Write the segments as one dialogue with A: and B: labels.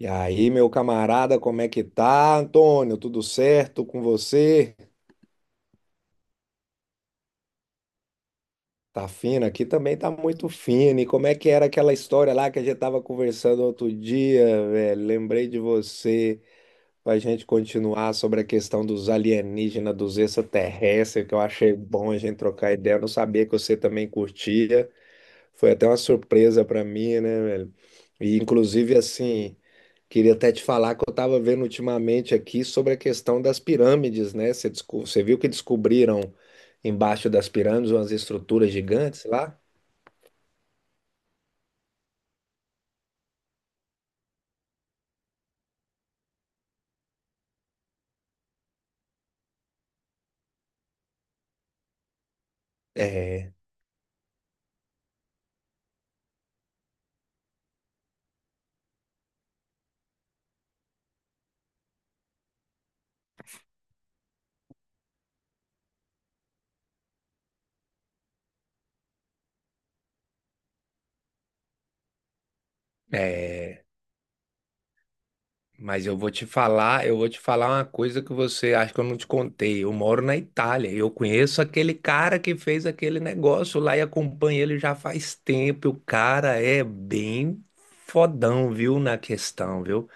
A: E aí, meu camarada, como é que tá, Antônio? Tudo certo com você? Tá fino aqui também, tá muito fino. E como é que era aquela história lá que a gente tava conversando outro dia, velho? Lembrei de você pra gente continuar sobre a questão dos alienígenas, dos extraterrestres, que eu achei bom a gente trocar ideia. Eu não sabia que você também curtia. Foi até uma surpresa pra mim, né, velho? E inclusive assim. Queria até te falar que eu estava vendo ultimamente aqui sobre a questão das pirâmides, né? Você, você viu que descobriram embaixo das pirâmides umas estruturas gigantes lá? É, é, mas eu vou te falar, eu vou te falar uma coisa que você acha que eu não te contei. Eu moro na Itália, e eu conheço aquele cara que fez aquele negócio lá e acompanho ele já faz tempo. O cara é bem fodão, viu, na questão, viu?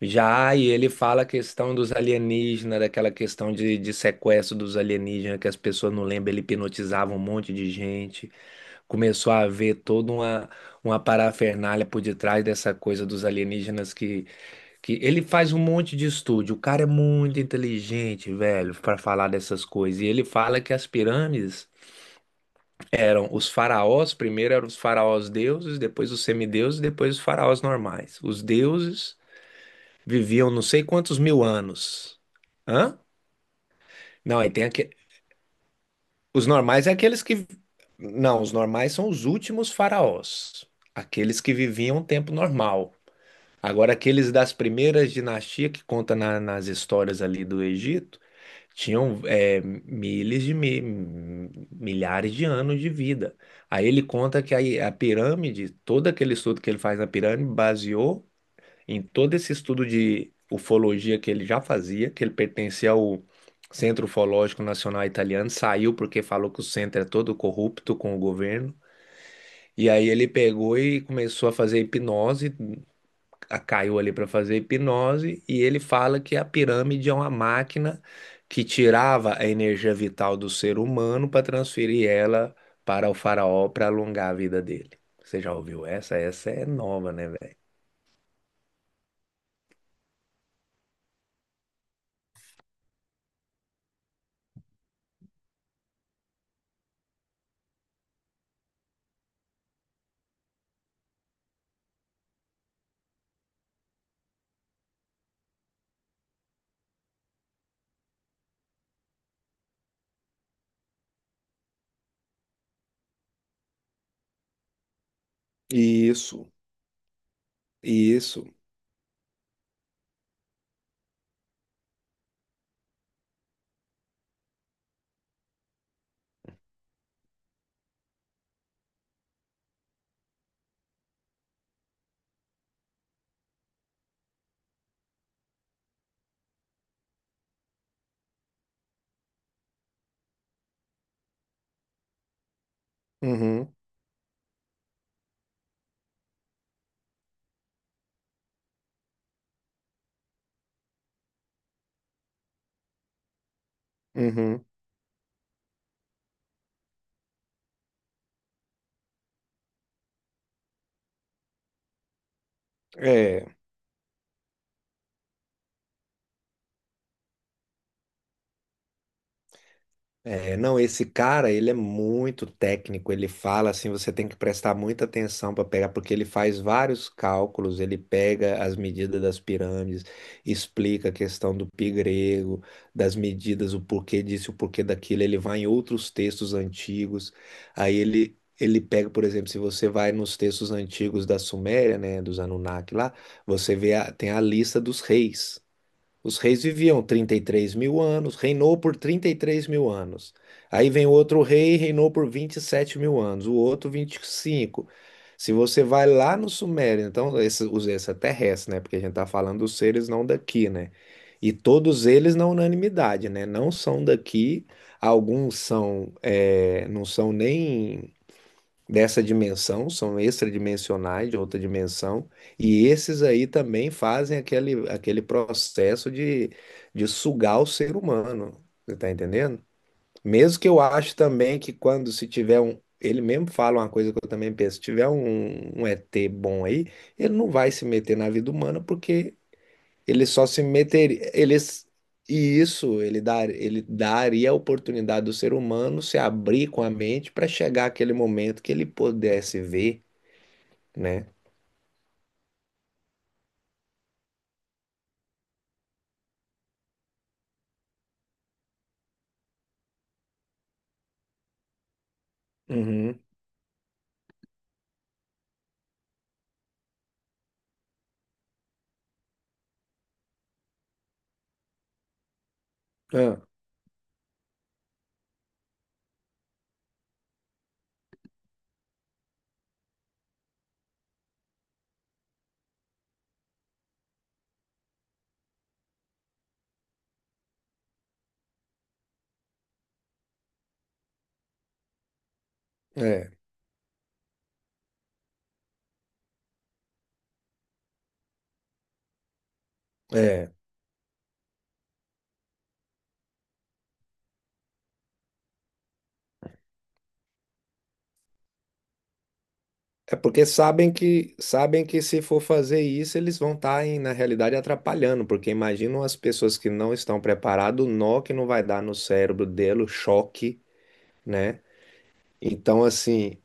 A: Já, e ele fala a questão dos alienígenas, daquela questão de sequestro dos alienígenas, que as pessoas não lembram, ele hipnotizava um monte de gente. Começou a haver toda uma parafernália por detrás dessa coisa dos alienígenas que ele faz um monte de estudo. O cara é muito inteligente, velho, para falar dessas coisas. E ele fala que as pirâmides eram os faraós, primeiro eram os faraós deuses, depois os semideuses, depois os faraós normais. Os deuses viviam não sei quantos mil anos. Hã? Não, aí tem aqui. Os normais é aqueles que. Não, os normais são os últimos faraós, aqueles que viviam um tempo normal. Agora, aqueles das primeiras dinastias que conta nas histórias ali do Egito, tinham é, milhares de milhares de anos de vida. Aí ele conta que a pirâmide, todo aquele estudo que ele faz na pirâmide, baseou em todo esse estudo de ufologia que ele já fazia, que ele pertencia ao Centro Ufológico Nacional Italiano, saiu porque falou que o centro é todo corrupto com o governo. E aí ele pegou e começou a fazer hipnose, caiu ali para fazer hipnose, e ele fala que a pirâmide é uma máquina que tirava a energia vital do ser humano para transferir ela para o faraó para alongar a vida dele. Você já ouviu essa? Essa é nova, né, velho? Isso, isso. Uhum. Uhum. É, não, esse cara, ele é muito técnico, ele fala assim, você tem que prestar muita atenção para pegar, porque ele faz vários cálculos, ele pega as medidas das pirâmides, explica a questão do pi grego, das medidas, o porquê disso, o porquê daquilo, ele vai em outros textos antigos, aí ele pega, por exemplo, se você vai nos textos antigos da Suméria, né, dos Anunnaki lá, você vê, tem a lista dos reis. Os reis viviam 33 mil anos, reinou por 33 mil anos. Aí vem outro rei, reinou por 27 mil anos, o outro 25. Se você vai lá no Sumério, então, esse, os extraterrestres, né? Porque a gente está falando dos seres não daqui, né? E todos eles na unanimidade, né? Não são daqui, alguns são, é, não são nem dessa dimensão, são extradimensionais de outra dimensão, e esses aí também fazem aquele, aquele processo de sugar o ser humano, você tá entendendo? Mesmo que eu acho também que quando se tiver um, ele mesmo fala uma coisa que eu também penso, se tiver um, um ET bom aí, ele não vai se meter na vida humana porque ele só se meteria. Eles, e isso ele, dar, ele daria a oportunidade do ser humano se abrir com a mente para chegar àquele momento que ele pudesse ver, né? Uhum. É, é, é. É porque sabem que se for fazer isso, eles vão estar, na realidade, atrapalhando, porque imaginam as pessoas que não estão preparadas, o nó que não vai dar no cérebro dele, o choque, né? Então, assim,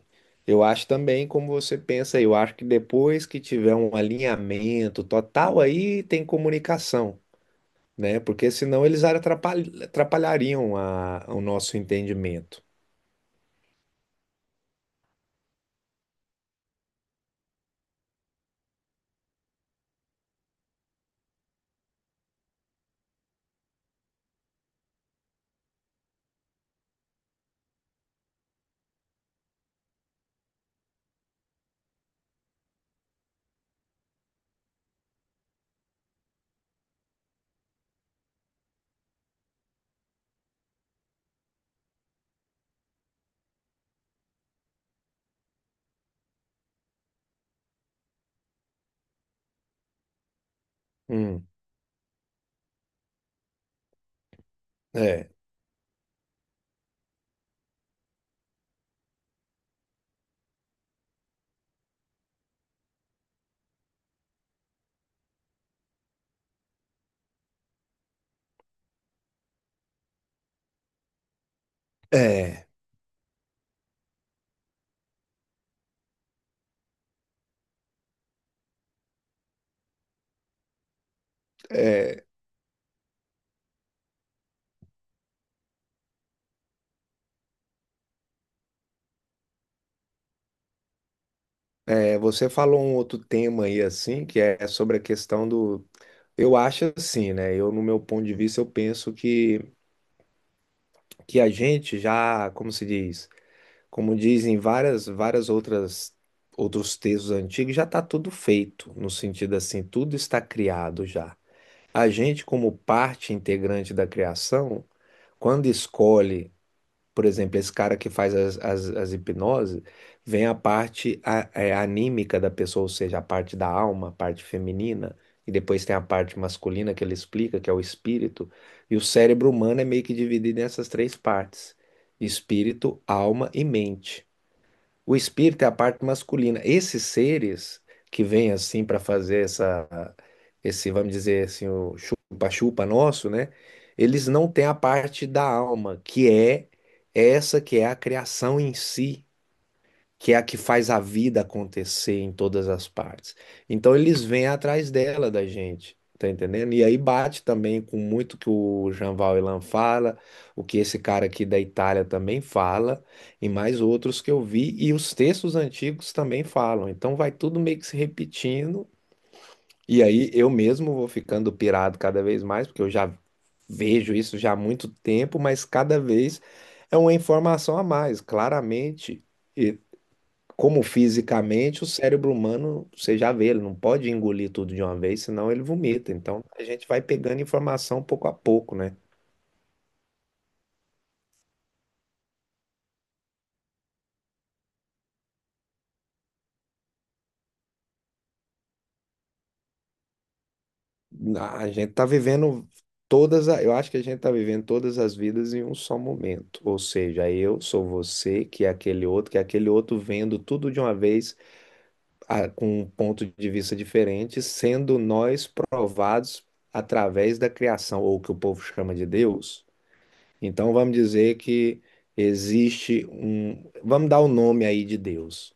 A: eu acho também como você pensa, eu acho que depois que tiver um alinhamento total, aí tem comunicação, né? Porque senão eles atrapalhariam o nosso entendimento. Hum, é, é, é, Você falou um outro tema aí assim, que é sobre a questão do. Eu acho assim, né? Eu, no meu ponto de vista, eu penso que a gente já, como se diz? Como dizem várias outras outros textos antigos, já está tudo feito, no sentido assim, tudo está criado já. A gente, como parte integrante da criação, quando escolhe, por exemplo, esse cara que faz as hipnoses, vem a parte é, anímica da pessoa, ou seja, a parte da alma, a parte feminina, e depois tem a parte masculina que ele explica, que é o espírito, e o cérebro humano é meio que dividido nessas três partes: espírito, alma e mente. O espírito é a parte masculina. Esses seres que vêm assim para fazer essa, esse, vamos dizer assim, o chupa-chupa nosso, né? Eles não têm a parte da alma, que é essa que é a criação em si que é a que faz a vida acontecer em todas as partes. Então eles vêm atrás dela, da gente, tá entendendo? E aí bate também com muito que o Jean Valjean fala, o que esse cara aqui da Itália também fala, e mais outros que eu vi, e os textos antigos também falam. Então vai tudo meio que se repetindo, e aí eu mesmo vou ficando pirado cada vez mais, porque eu já vejo isso já há muito tempo, mas cada vez é uma informação a mais. Claramente como fisicamente, o cérebro humano, você já vê, ele não pode engolir tudo de uma vez, senão ele vomita. Então, a gente vai pegando informação pouco a pouco, né? A gente tá vivendo todas, eu acho que a gente tá vivendo todas as vidas em um só momento. Ou seja, eu sou você, que é aquele outro, que é aquele outro vendo tudo de uma vez, com um ponto de vista diferente, sendo nós provados através da criação, ou o que o povo chama de Deus. Então vamos dizer que existe um. Vamos dar o nome aí de Deus.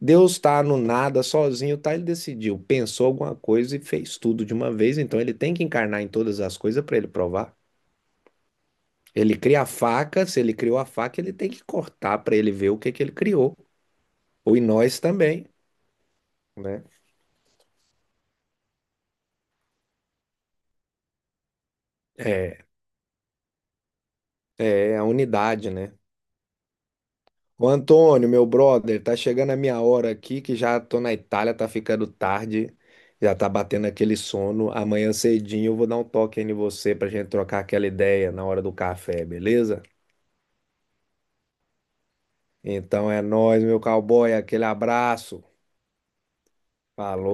A: Deus está no nada sozinho, tá? Ele decidiu, pensou alguma coisa e fez tudo de uma vez. Então ele tem que encarnar em todas as coisas para ele provar. Ele cria a faca, se ele criou a faca, ele tem que cortar para ele ver o que que ele criou. Ou em nós também, né? É, é a unidade, né? Ô Antônio, meu brother, tá chegando a minha hora aqui, que já tô na Itália, tá ficando tarde, já tá batendo aquele sono. Amanhã cedinho eu vou dar um toque aí em você pra gente trocar aquela ideia na hora do café, beleza? Então é nóis, meu cowboy, aquele abraço. Falou.